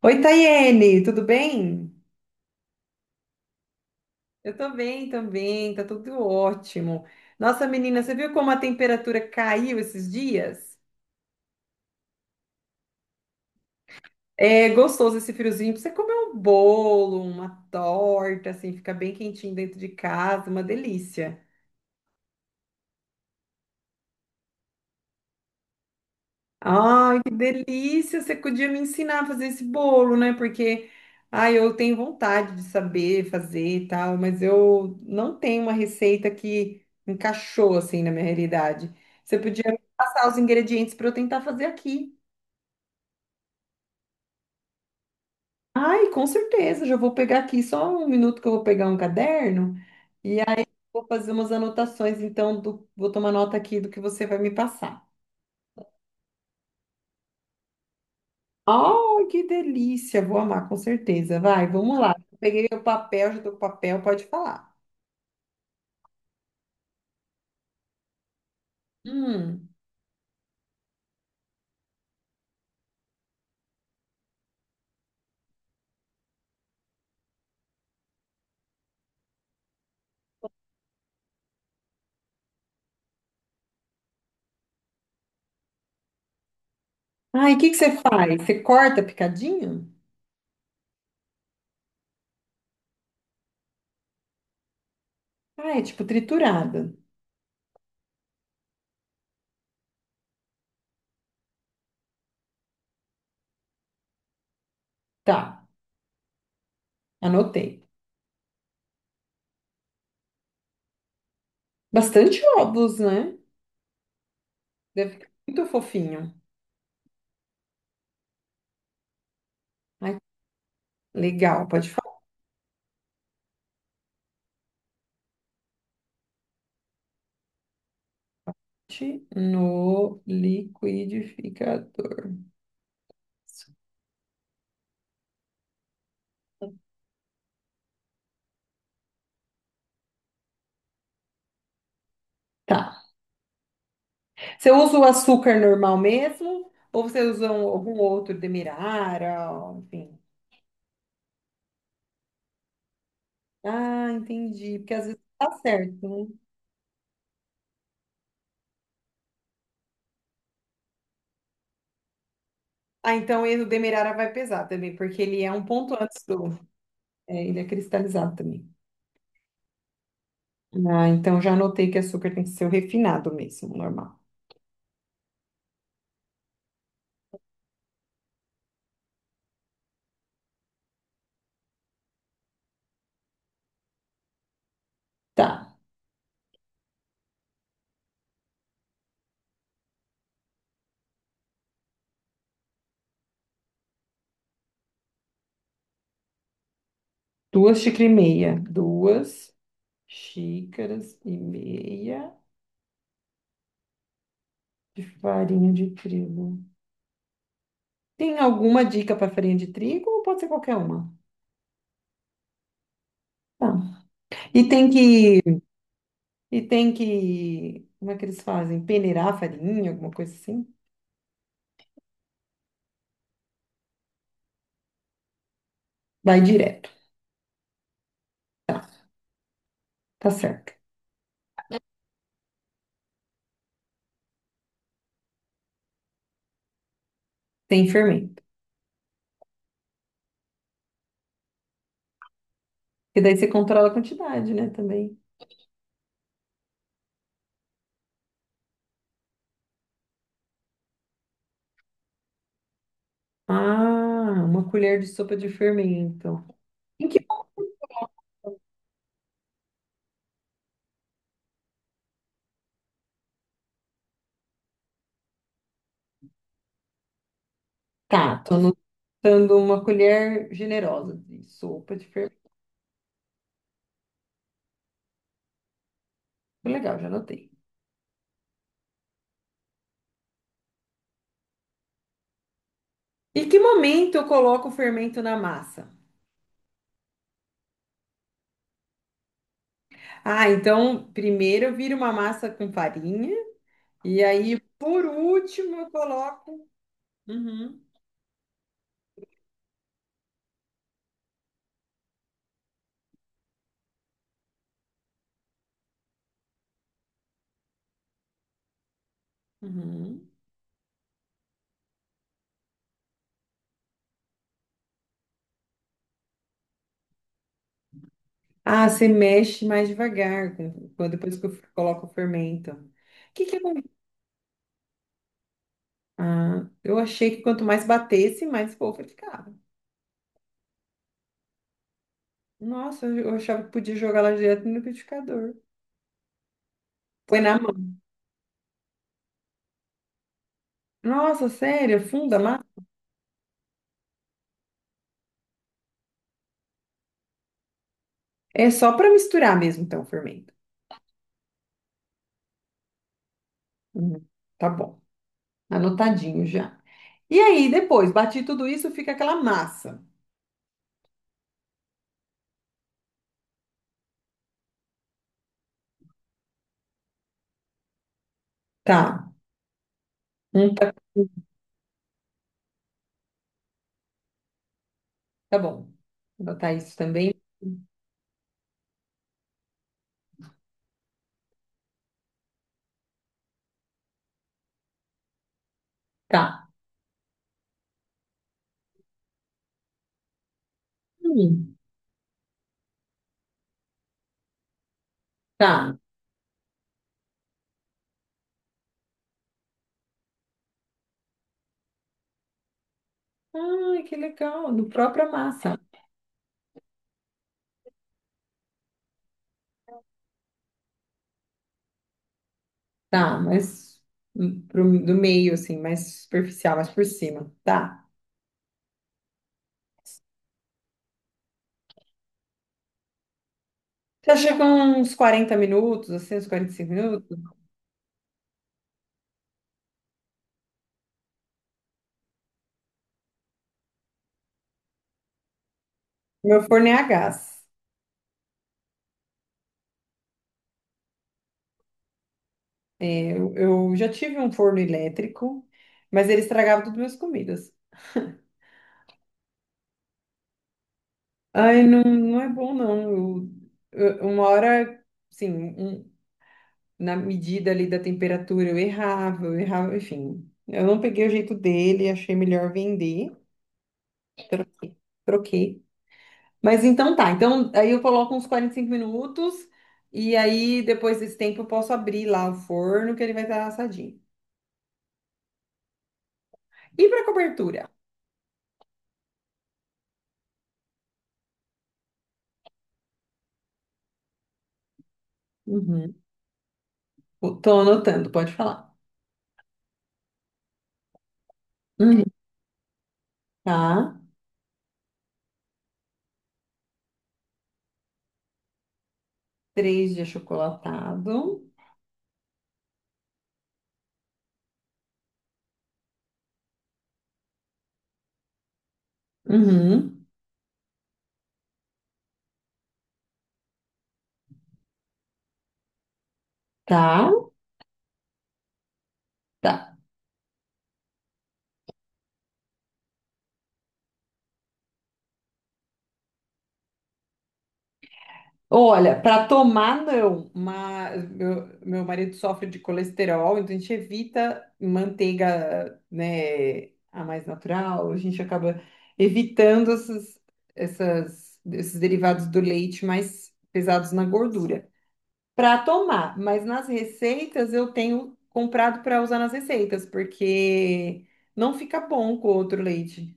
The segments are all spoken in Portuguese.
Oi, Tayene, tudo bem? Eu tô bem também, tá tudo ótimo. Nossa, menina, você viu como a temperatura caiu esses dias? É gostoso esse friozinho, pra você comer um bolo, uma torta, assim, fica bem quentinho dentro de casa, uma delícia. Ai, que delícia! Você podia me ensinar a fazer esse bolo, né? Porque, ai, eu tenho vontade de saber fazer e tal, mas eu não tenho uma receita que encaixou assim na minha realidade. Você podia me passar os ingredientes para eu tentar fazer aqui. Ai, com certeza, já vou pegar aqui só um minuto que eu vou pegar um caderno, vou fazer umas anotações, vou tomar nota aqui do que você vai me passar. Oh, que delícia! Vou amar, com certeza. Vai, vamos lá. Peguei o papel, já tô com o papel, pode falar. Hum. Ai, o que que você faz? Você corta picadinho? Ah, é tipo triturada. Tá, anotei. Bastante ovos, né? Deve ficar muito fofinho. Ai, legal, pode falar. No liquidificador. Tá. Você usa o açúcar normal mesmo? Ou algum outro demerara, ó, enfim? Ah, entendi. Porque às vezes tá certo, né? Ah, então o Demerara vai pesar também, porque ele é um ponto antes do. É, ele é cristalizado também. Ah, então já anotei que açúcar tem que ser o refinado mesmo, normal. Tá. Duas xícaras e meia. Duas xícaras e meia de farinha de trigo. Tem alguma dica para farinha de trigo ou pode ser qualquer uma? Tá. E tem que. E tem que. Como é que eles fazem? Peneirar a farinha, alguma coisa assim? Vai direto. Tá certo. Sem fermento. E daí você controla a quantidade, né, também. Ah, uma colher de sopa de fermento. Em que tá? Tô anotando uma colher generosa de sopa de fermento. Legal, já anotei. Em que momento eu coloco o fermento na massa? Ah, então primeiro eu viro uma massa com farinha e aí por último eu coloco. Uhum, uhum. Ah, você mexe mais devagar depois que eu coloco o fermento. O que que acontece? Ah, eu achei que quanto mais batesse, mais fofa ficava. Nossa, eu achava que podia jogar ela direto no liquidificador. Põe na mão. Nossa, sério? Funda a massa? É só para misturar mesmo, então, o fermento. Hum, tá bom. Anotadinho já. E aí, depois, bati tudo isso, fica aquela massa. Tá. Tá, tá bom. Vou botar isso também. Tá. Hum, tá. Ai, que legal. No própria massa. Tá, mas pro, do meio, assim, mais superficial, mais por cima. Tá. Você acha que é uns 40 minutos, assim, uns 45 minutos? Meu forno é a gás. Eu já tive um forno elétrico, mas ele estragava todas as minhas comidas. Ai, não, não é bom, não. Uma hora, sim um- na medida ali da temperatura, eu errava, enfim. Eu não peguei o jeito dele, achei melhor vender. Troquei. Troquei. Mas então tá, então aí eu coloco uns 45 minutos e aí depois desse tempo eu posso abrir lá o forno que ele vai estar assadinho. E para cobertura? Uhum. Tô anotando, pode falar. Uhum. Tá. Três de achocolatado. Uhum. Tá. Tá. Olha, para tomar não, mas meu marido sofre de colesterol, então a gente evita manteiga, né, a mais natural, a gente acaba evitando esses derivados do leite mais pesados na gordura. Para tomar, mas nas receitas eu tenho comprado para usar nas receitas, porque não fica bom com outro leite.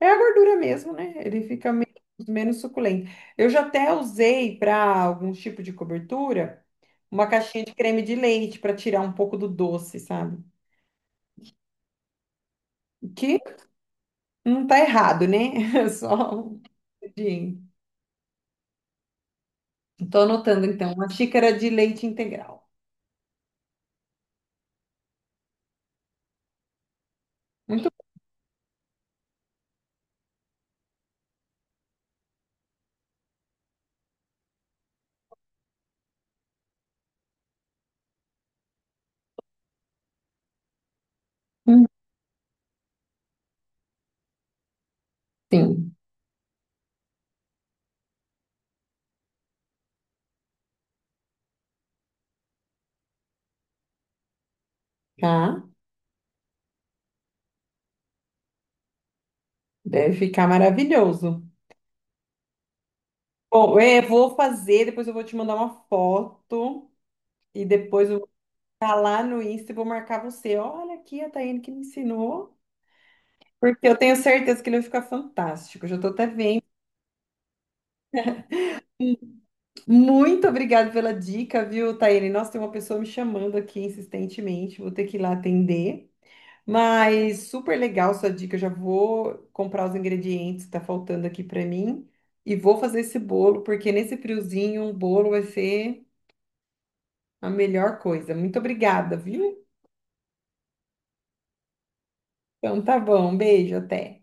É a gordura mesmo, né? Ele fica menos suculento. Eu já até usei para algum tipo de cobertura uma caixinha de creme de leite para tirar um pouco do doce, sabe? Que não tá errado, né? Só um pouquinho. Tô anotando então, uma xícara de leite integral. Muito bom. Sim, tá? Deve ficar maravilhoso. Bom, eu vou fazer, depois eu vou te mandar uma foto e depois tá lá no Insta, eu vou marcar você. Olha aqui a Taiane que me ensinou, porque eu tenho certeza que ele vai ficar fantástico. Já tô até vendo. Muito obrigada pela dica, viu, Taiane? Nossa, tem uma pessoa me chamando aqui insistentemente, vou ter que ir lá atender. Mas super legal sua dica, eu já vou comprar os ingredientes que tá faltando aqui para mim e vou fazer esse bolo, porque nesse friozinho um bolo vai ser a melhor coisa. Muito obrigada, viu? Então tá bom, um beijo, até.